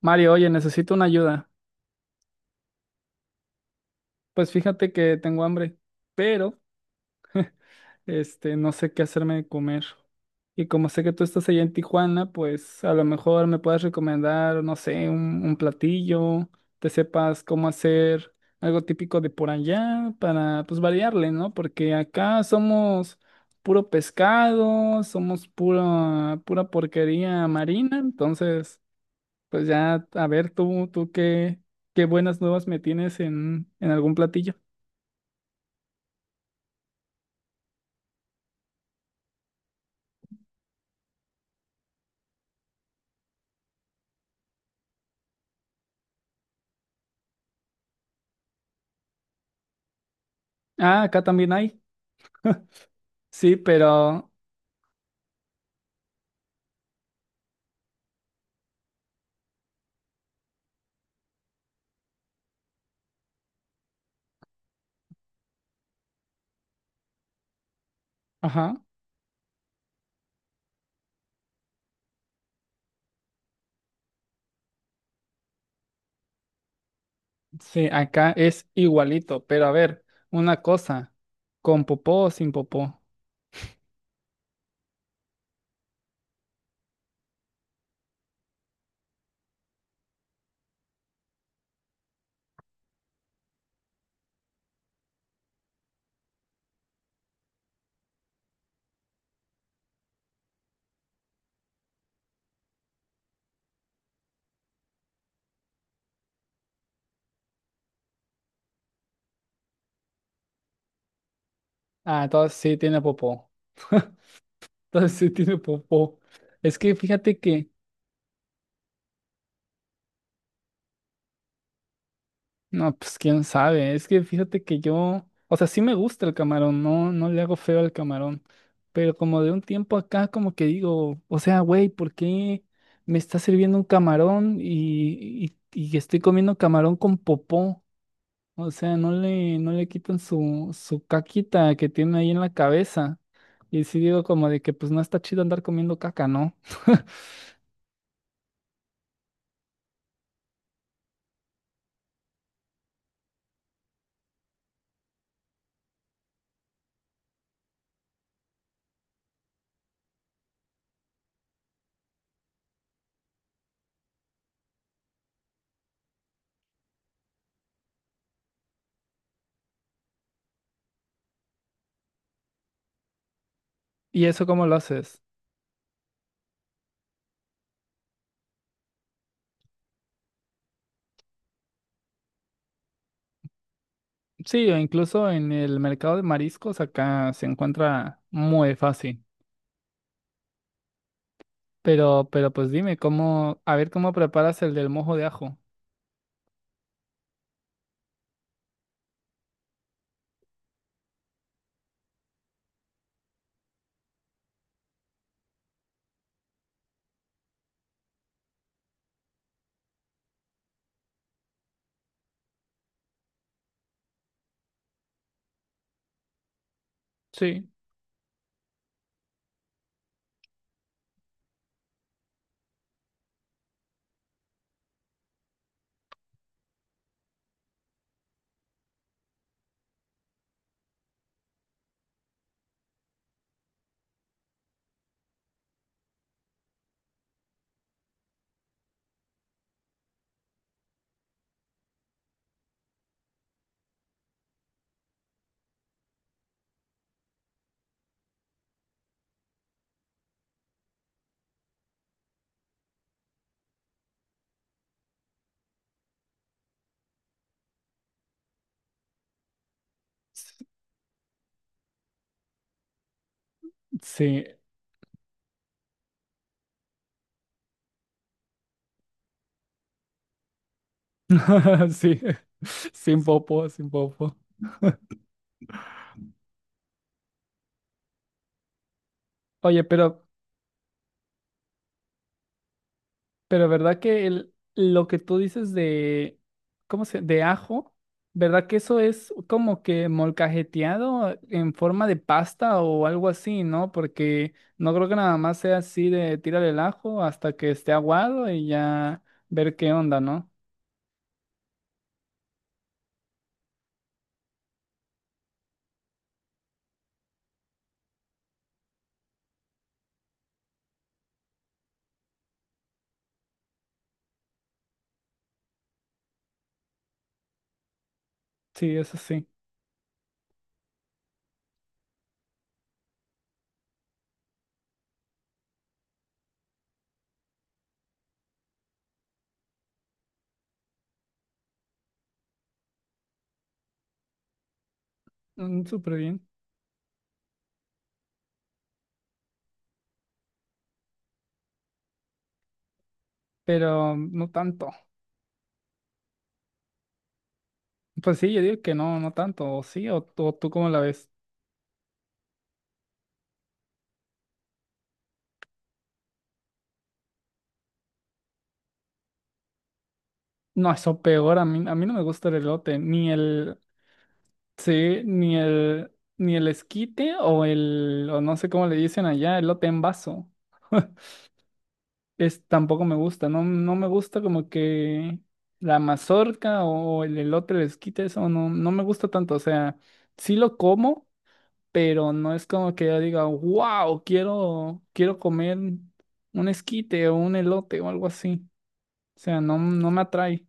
Mario, oye, necesito una ayuda. Pues fíjate que tengo hambre, pero no sé qué hacerme de comer. Y como sé que tú estás allá en Tijuana, pues a lo mejor me puedes recomendar, no sé, un platillo, te sepas cómo hacer algo típico de por allá para pues variarle, ¿no? Porque acá somos puro pescado, somos pura porquería marina, entonces pues ya, a ver, tú qué buenas nuevas me tienes en algún platillo. Ah, acá también hay. Sí, pero, ajá, sí, acá es igualito. Pero a ver, una cosa, ¿con popó o sin popó? Ah, entonces sí tiene popó. Entonces sí tiene popó. Es que fíjate que no, pues quién sabe. Es que fíjate que yo, o sea, sí me gusta el camarón, no, no le hago feo al camarón. Pero como de un tiempo acá, como que digo, o sea, güey, ¿por qué me está sirviendo un camarón y estoy comiendo camarón con popó? O sea, no le quitan su caquita que tiene ahí en la cabeza. Y sí digo como de que pues no está chido andar comiendo caca, ¿no? ¿Y eso cómo lo haces? Sí, o incluso en el mercado de mariscos acá se encuentra muy fácil. Pero pues dime, ¿cómo, a ver cómo preparas el del mojo de ajo? Sí, s- sí, sí, sin popo, sin popo. Oye, pero verdad que el, lo que tú dices de, ¿cómo se? De ajo, ¿verdad que eso es como que molcajeteado en forma de pasta o algo así, ¿no? Porque no creo que nada más sea así de tirar el ajo hasta que esté aguado y ya ver qué onda, ¿no? Sí, eso sí. Mm, súper bien, pero no tanto. Pues sí, yo digo que no, no tanto, o sí, o, o tú cómo la ves. No, eso peor, a mí no me gusta el elote, ni el, sí, ni el, ni el esquite o el, o no sé cómo le dicen allá, elote en vaso. Es, tampoco me gusta, no, no me gusta como que la mazorca o el elote, el esquite, eso no, no me gusta tanto. O sea, sí lo como, pero no es como que yo diga, wow, quiero, quiero comer un esquite o un elote o algo así. O sea, no, no me atrae.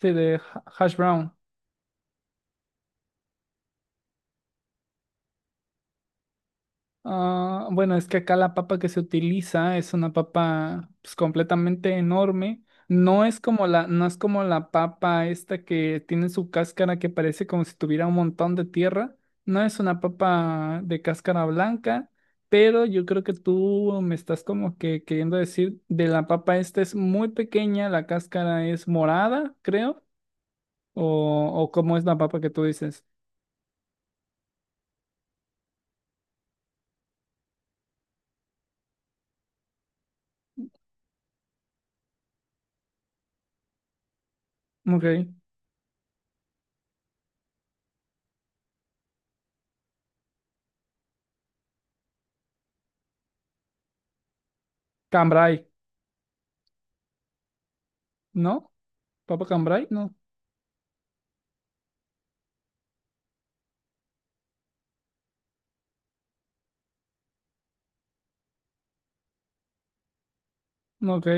Sí, de hash brown. Ah, bueno, es que acá la papa que se utiliza es una papa pues, completamente enorme. No es como la, no es como la papa esta que tiene su cáscara que parece como si tuviera un montón de tierra. No es una papa de cáscara blanca, pero yo creo que tú me estás como que queriendo decir de la papa esta es muy pequeña, la cáscara es morada, creo, o cómo es la papa que tú dices. Ok, cambray, ¿no? ¿Papa cambray? No, no, ok.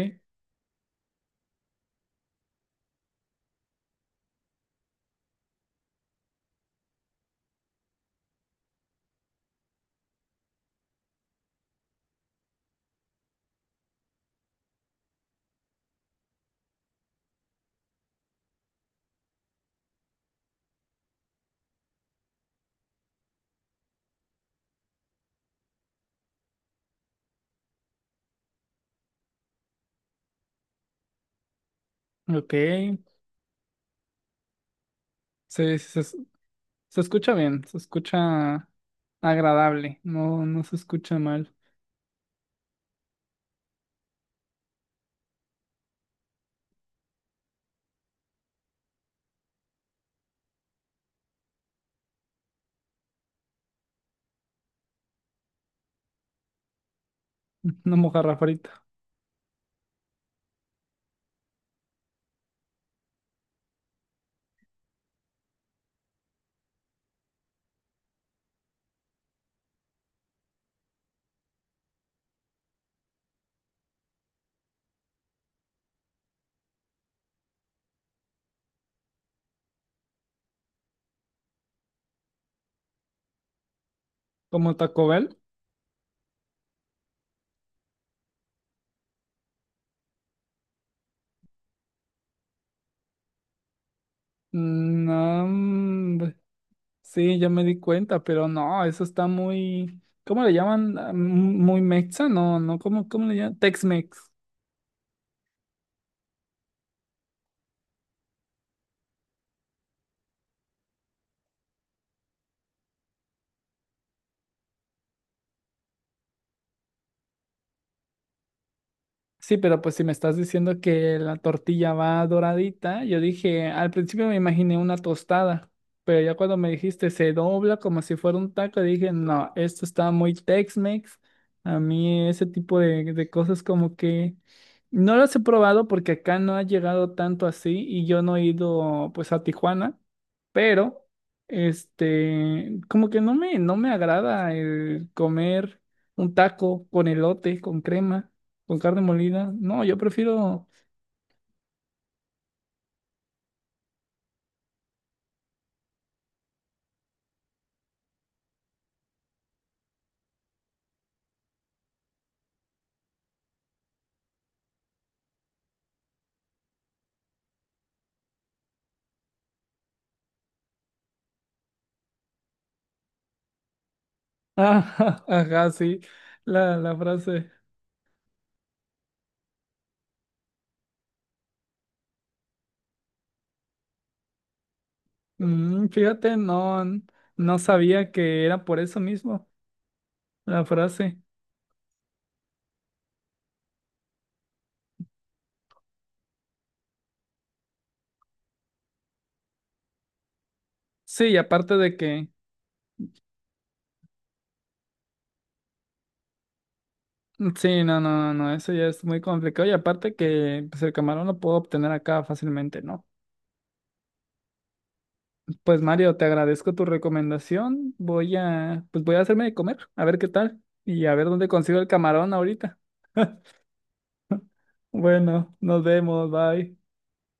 Ok, sí, sí, se escucha bien, se escucha agradable, no, no se escucha mal. Una mojarra frita. ¿Como Taco Bell? Mm, no, mm, sí, ya me di cuenta, pero no, eso está muy, ¿cómo le llaman? Ah, muy mexa, no, no, ¿cómo, cómo le llaman? Tex-Mex. Sí, pero pues si me estás diciendo que la tortilla va doradita, yo dije, al principio me imaginé una tostada, pero ya cuando me dijiste se dobla como si fuera un taco, dije, no, esto está muy Tex-Mex. A mí ese tipo de cosas como que no las he probado porque acá no ha llegado tanto así y yo no he ido pues a Tijuana, pero como que no me, no me agrada el comer un taco con elote, con crema. Con carne molida. No, yo prefiero. Ah, ajá, sí. La frase. Mm, fíjate, no, no sabía que era por eso mismo la frase. Sí, y aparte de que. Sí, no, no, no, eso ya es muy complicado. Y aparte que pues, el camarón lo puedo obtener acá fácilmente, ¿no? Pues Mario, te agradezco tu recomendación. Voy a, pues voy a hacerme de comer, a ver qué tal. Y a ver dónde consigo el camarón ahorita. Bueno, nos vemos, bye.